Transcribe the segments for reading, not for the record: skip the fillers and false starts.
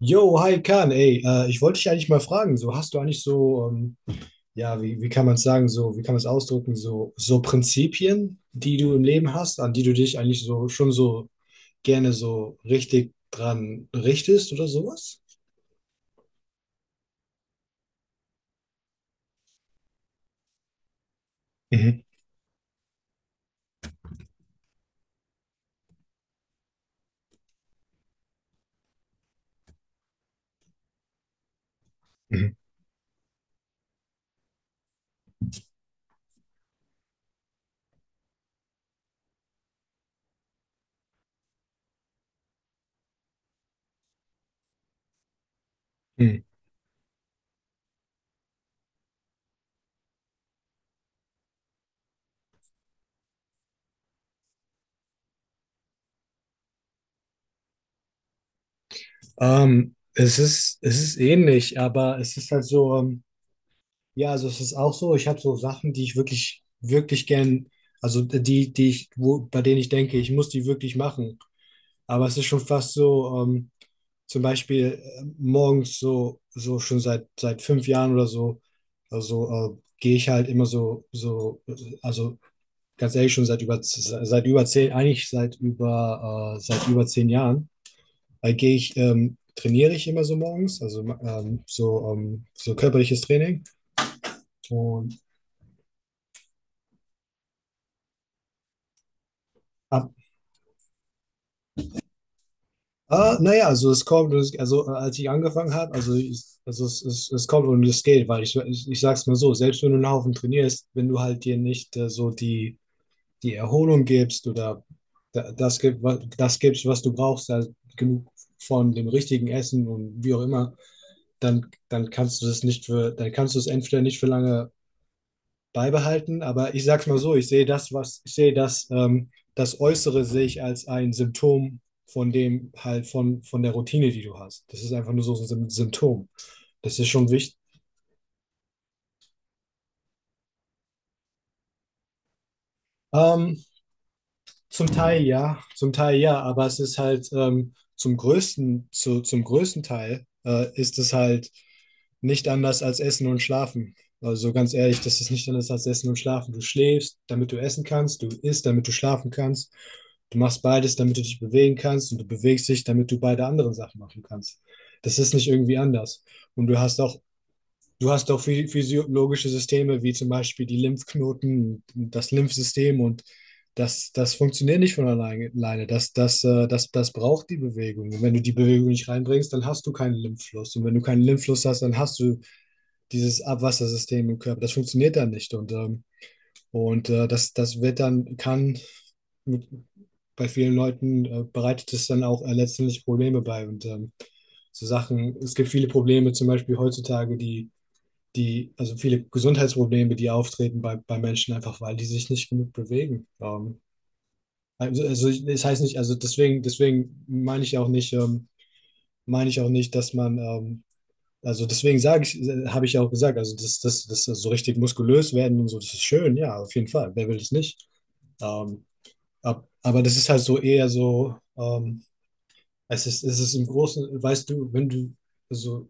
Yo, hi Kahn, ey, ich wollte dich eigentlich mal fragen, so hast du eigentlich so, ja, wie kann man es sagen, so, wie kann man es ausdrücken, so Prinzipien, die du im Leben hast, an die du dich eigentlich so schon so gerne so richtig dran richtest oder sowas? Mhm. Mhm. Mhm. Es ist ähnlich, aber es ist halt so, ja, also es ist auch so, ich habe so Sachen, die ich wirklich, wirklich gern, bei denen ich denke, ich muss die wirklich machen. Aber es ist schon fast so, zum Beispiel morgens so schon seit 5 Jahren oder so, also gehe ich halt immer so, so, also ganz ehrlich, schon seit über 10, eigentlich seit über 10 Jahren, weil gehe ich, trainiere ich immer so morgens, also so körperliches Training und ab, Ah, naja, also es kommt, und als ich angefangen habe, also es kommt und es geht, weil ich sag's mal so, selbst wenn du einen Haufen trainierst, wenn du halt dir nicht so die Erholung gibst oder das gibst, was du brauchst, also genug von dem richtigen Essen und wie auch immer, dann kannst du das nicht für, dann kannst du es entweder nicht für lange beibehalten. Aber ich sag's mal so, ich sehe das, was ich sehe, das, das Äußere sehe ich als ein Symptom von dem halt von der Routine, die du hast. Das ist einfach nur so ein Symptom. Das ist schon wichtig. Ähm, Zum Teil ja, zum Teil ja, aber es ist halt zum größten Teil ist es halt nicht anders als Essen und Schlafen. Also ganz ehrlich, das ist nicht anders als Essen und Schlafen. Du schläfst, damit du essen kannst, du isst, damit du schlafen kannst. Du machst beides, damit du dich bewegen kannst, und du bewegst dich, damit du beide anderen Sachen machen kannst. Das ist nicht irgendwie anders. Und du hast auch Du hast auch physiologische Systeme, wie zum Beispiel die Lymphknoten, das Lymphsystem, und das, das funktioniert nicht von alleine. Das braucht die Bewegung. Und wenn du die Bewegung nicht reinbringst, dann hast du keinen Lymphfluss. Und wenn du keinen Lymphfluss hast, dann hast du dieses Abwassersystem im Körper. Das funktioniert dann nicht. Und das wird dann, kann mit, bei vielen Leuten bereitet es dann auch letztendlich Probleme bei. Und so Sachen, es gibt viele Probleme, zum Beispiel heutzutage, also viele Gesundheitsprobleme, die auftreten bei Menschen, einfach weil die sich nicht genug bewegen. Das heißt nicht, also deswegen meine ich auch nicht, dass man, also deswegen sage ich, habe ich ja auch gesagt, also das so richtig muskulös werden und so, das ist schön, ja, auf jeden Fall. Wer will es nicht? Ähm, aber das ist halt so eher so, es ist im Großen, weißt du, wenn du, also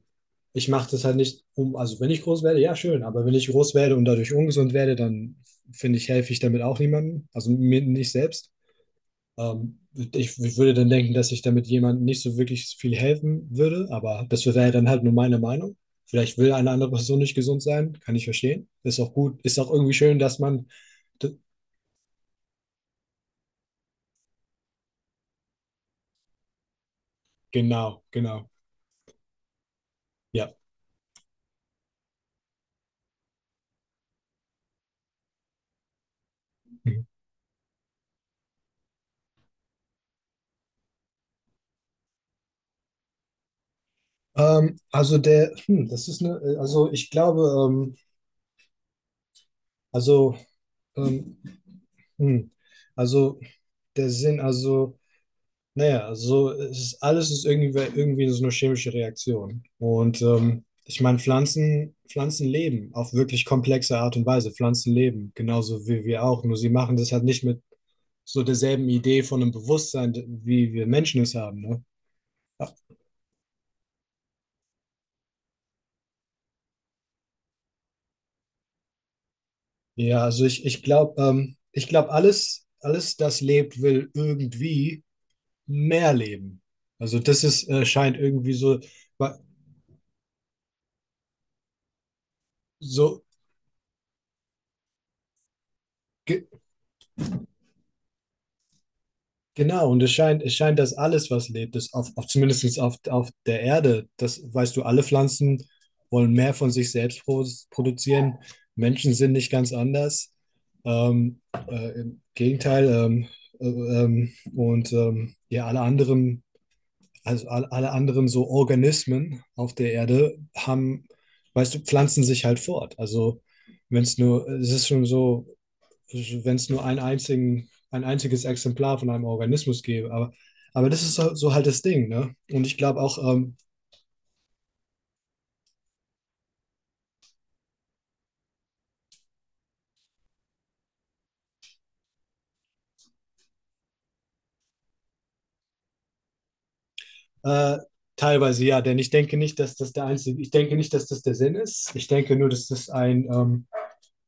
ich mache das halt nicht um, also wenn ich groß werde, ja, schön, aber wenn ich groß werde und dadurch ungesund werde, dann finde ich, helfe ich damit auch niemandem, also mir nicht selbst. Ähm, ich würde dann denken, dass ich damit jemandem nicht so wirklich viel helfen würde, aber das wäre dann halt nur meine Meinung. Vielleicht will eine andere Person nicht gesund sein, kann ich verstehen. Ist auch gut, ist auch irgendwie schön, dass man, d- genau, genau, ja. Mhm. Also der, das ist eine, also ich glaube, ähm, Also, ähm, hm, also der Sinn, also, naja, so es ist, alles ist irgendwie, irgendwie so eine chemische Reaktion. Und ich meine, Pflanzen, Pflanzen leben auf wirklich komplexe Art und Weise. Pflanzen leben, genauso wie wir auch. Nur sie machen das halt nicht mit so derselben Idee von einem Bewusstsein, wie wir Menschen es haben. Ne? Ja, also ich glaube, alles das lebt, will irgendwie mehr leben. Also das scheint irgendwie so. So, ge genau, und es scheint, dass alles, was lebt, ist auf zumindest auf der Erde, das weißt du, alle Pflanzen wollen mehr von sich selbst produzieren. Menschen sind nicht ganz anders. Ähm, Im Gegenteil, ja, alle anderen, also alle anderen so Organismen auf der Erde haben, weißt du, pflanzen sich halt fort. Also wenn es nur, es ist schon so, wenn es nur ein einziges Exemplar von einem Organismus gäbe. Aber das ist so, so halt das Ding, ne? Und ich glaube auch, äh, teilweise ja, denn ich denke nicht, dass das der Sinn ist. Ich denke nur, dass das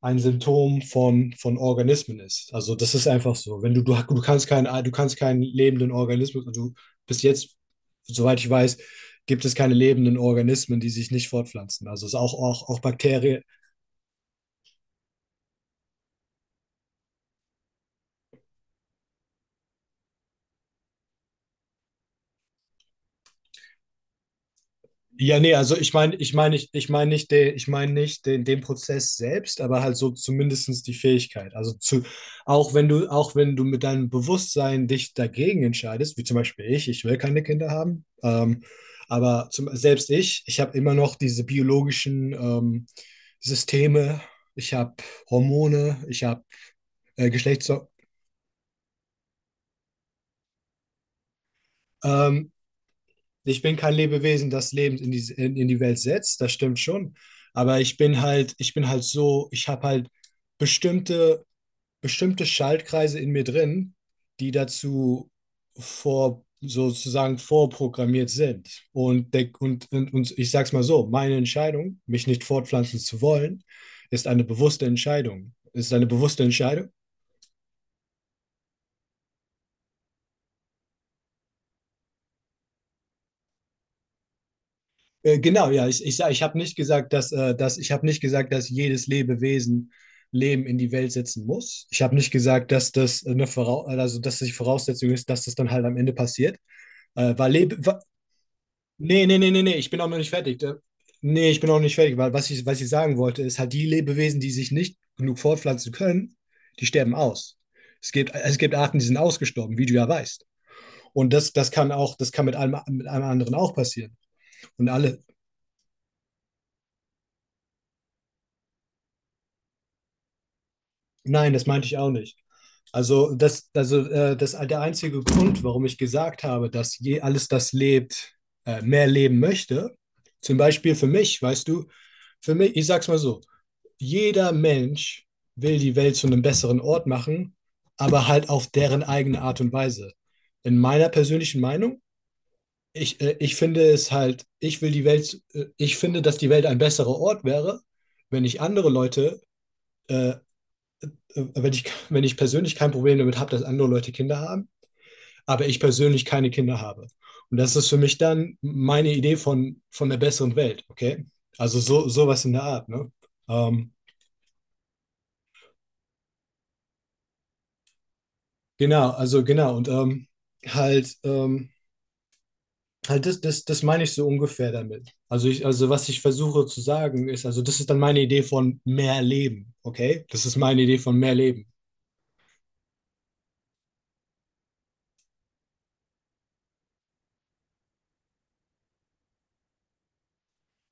ein Symptom von Organismen ist. Also das ist einfach so. Wenn du kannst keinen, du kannst keinen lebenden Organismus, du bis jetzt, soweit ich weiß, gibt es keine lebenden Organismen, die sich nicht fortpflanzen. Also es auch, auch Bakterien. Ja, nee, also ich meine nicht den, ich meine nicht den Prozess selbst, aber halt so zumindestens die Fähigkeit. Auch wenn du mit deinem Bewusstsein dich dagegen entscheidest, wie zum Beispiel ich, ich, will keine Kinder haben, selbst ich habe immer noch diese biologischen Systeme, ich habe Hormone, ich habe äh, Geschlechts, ähm, ich bin kein Lebewesen, das Leben in die Welt setzt, das stimmt schon. Aber ich habe halt bestimmte, bestimmte Schaltkreise in mir drin, die dazu sozusagen vorprogrammiert sind. Und ich sag's mal so, meine Entscheidung, mich nicht fortpflanzen zu wollen, ist eine bewusste Entscheidung. Ist eine bewusste Entscheidung. Genau, ja, ich habe nicht gesagt, dass ich habe nicht gesagt, dass jedes Lebewesen Leben in die Welt setzen muss. Ich habe nicht gesagt, dass das eine Vorau also dass die Voraussetzung ist, dass das dann halt am Ende passiert. Weil Lebe wa nee, nee, nee, nee, nee, ich bin auch noch nicht fertig. Nee, ich bin auch nicht fertig, weil was ich sagen wollte, ist halt, die Lebewesen, die sich nicht genug fortpflanzen können, die sterben aus. Es gibt Arten, die sind ausgestorben, wie du ja weißt. Und das kann auch, das kann mit einem anderen auch passieren. Und alle, nein, das meinte ich auch nicht. Also, der einzige Grund, warum ich gesagt habe, dass je alles, das lebt, mehr leben möchte, zum Beispiel für mich, weißt du, für mich, ich sag's mal so, jeder Mensch will die Welt zu einem besseren Ort machen, aber halt auf deren eigene Art und Weise. In meiner persönlichen Meinung, ich finde es halt, ich will die Welt, ich finde, dass die Welt ein besserer Ort wäre, wenn ich andere Leute, äh, wenn ich, wenn ich persönlich kein Problem damit habe, dass andere Leute Kinder haben, aber ich persönlich keine Kinder habe. Und das ist für mich dann meine Idee von der besseren Welt, okay? Also so, sowas in der Art, ne? Ähm, genau, also genau, und halt, ähm, halt das meine ich so ungefähr damit. Also was ich versuche zu sagen ist, also das ist dann meine Idee von mehr Leben, okay? Das ist meine Idee von mehr Leben.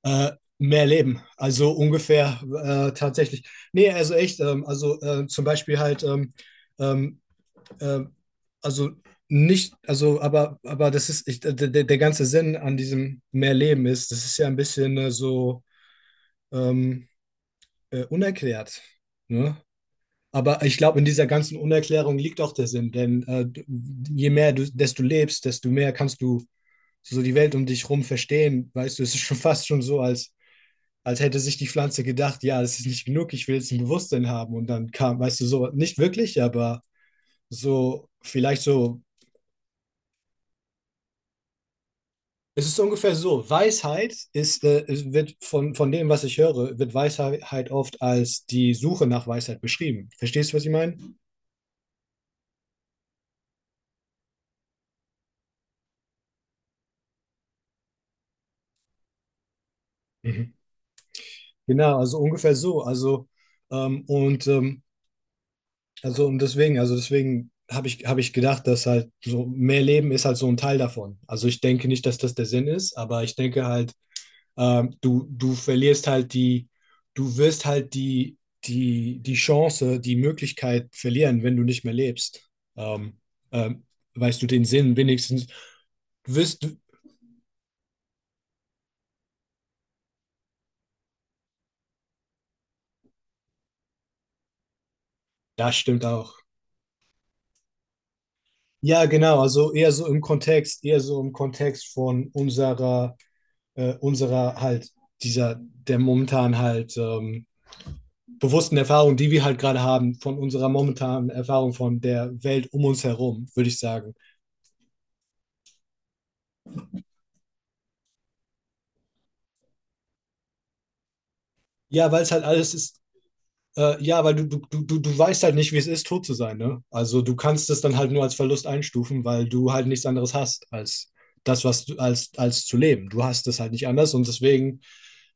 Äh, Mehr Leben, also ungefähr tatsächlich. Nee, also echt, zum Beispiel halt, ähm, äh, also nicht, also, aber der ganze Sinn an diesem mehr Leben ist, das ist ja ein bisschen so ähm, unerklärt, ne? Aber ich glaube, in dieser ganzen Unerklärung liegt auch der Sinn, denn je mehr du, desto lebst, desto mehr kannst du so die Welt um dich rum verstehen. Weißt du, es ist schon fast schon so, als hätte sich die Pflanze gedacht, ja, das ist nicht genug, ich will jetzt ein Bewusstsein haben. Und dann kam, weißt du, so nicht wirklich, aber so vielleicht Es ist ungefähr so. Es wird von dem, was ich höre, wird Weisheit oft als die Suche nach Weisheit beschrieben. Verstehst du, was ich meine? Mhm. Genau, also ungefähr so. Ähm, und, ähm, und deswegen, also deswegen habe ich gedacht, dass halt so mehr Leben ist halt so ein Teil davon. Also ich denke nicht, dass das der Sinn ist, aber ich denke halt. Du verlierst halt die, du wirst halt die, die, die Chance, die Möglichkeit verlieren, wenn du nicht mehr lebst. Ähm, ähm, Weißt du den Sinn wenigstens? Du wirst, du, Das stimmt auch. Ja, genau, also eher so im Kontext, eher so im Kontext von unserer, unserer halt, dieser, der momentan halt bewussten Erfahrung, die wir halt gerade haben, von unserer momentanen Erfahrung von der Welt um uns herum, würde ich sagen. Ja, weil es halt alles ist. Ja, weil du, du weißt halt nicht, wie es ist, tot zu sein, ne? Also du kannst es dann halt nur als Verlust einstufen, weil du halt nichts anderes hast als das, als zu leben. Du hast es halt nicht anders, und deswegen,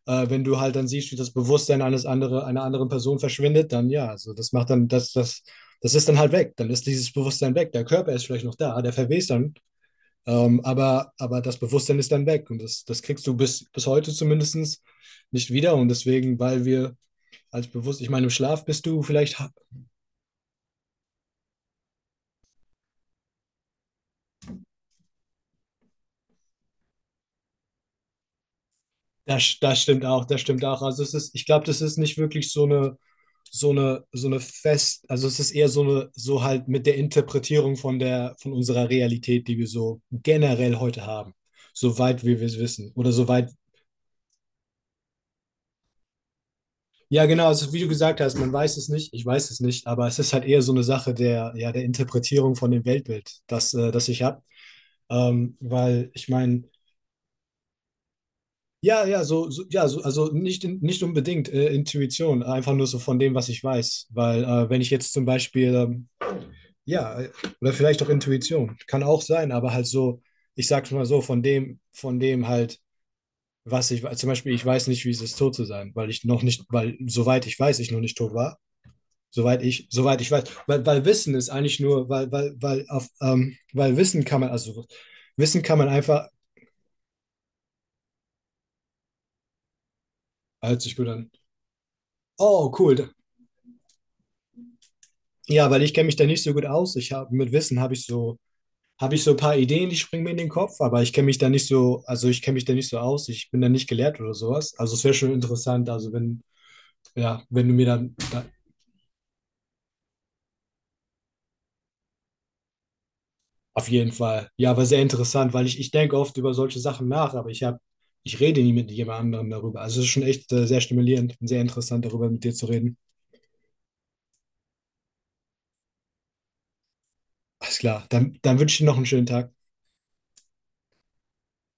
wenn du halt dann siehst, wie das Bewusstsein einer anderen Person verschwindet, dann ja, also das macht dann, das ist dann halt weg. Dann ist dieses Bewusstsein weg. Der Körper ist vielleicht noch da, der verwest dann, aber das Bewusstsein ist dann weg, und das, das kriegst du bis heute zumindest nicht wieder, und deswegen, weil wir als bewusst. Ich meine, im Schlaf bist du vielleicht, das stimmt auch, das stimmt auch. Also es ist, ich glaube, das ist nicht wirklich so eine, so eine fest, also es ist eher so eine, so halt mit der Interpretierung von der, von unserer Realität, die wir so generell heute haben. Soweit wir es wissen. Oder soweit, ja, genau, also wie du gesagt hast, man weiß es nicht, ich weiß es nicht, aber es ist halt eher so eine Sache der, ja, der Interpretierung von dem Weltbild, das, das ich habe. Weil ich meine, ja, ja, so, so ja, so, also nicht, nicht unbedingt Intuition, einfach nur so von dem, was ich weiß. Weil wenn ich jetzt zum Beispiel, ja, oder vielleicht auch Intuition, kann auch sein, aber halt so, ich sag's mal so, von dem, was ich weiß. Zum Beispiel, ich weiß nicht, wie es ist, tot zu sein, weil soweit ich weiß, ich noch nicht tot war. Soweit ich weiß. Weil Wissen ist eigentlich nur, weil auf, weil Wissen kann man, also Wissen kann man einfach, hört sich gut an. Oh, cool. Ja, weil ich kenne mich da nicht so gut aus. Ich habe mit Wissen habe ich so ein paar Ideen, die springen mir in den Kopf, aber ich kenne mich da nicht so, also ich kenne mich da nicht so aus. Ich bin da nicht gelehrt oder sowas. Also es wäre schon interessant, also wenn ja, wenn du mir dann, auf jeden Fall. Ja, aber sehr interessant, weil ich denke oft über solche Sachen nach, ich rede nie mit jemand anderem darüber. Also es ist schon echt sehr stimulierend und sehr interessant, darüber mit dir zu reden. Alles klar. Dann wünsche ich dir noch einen schönen Tag.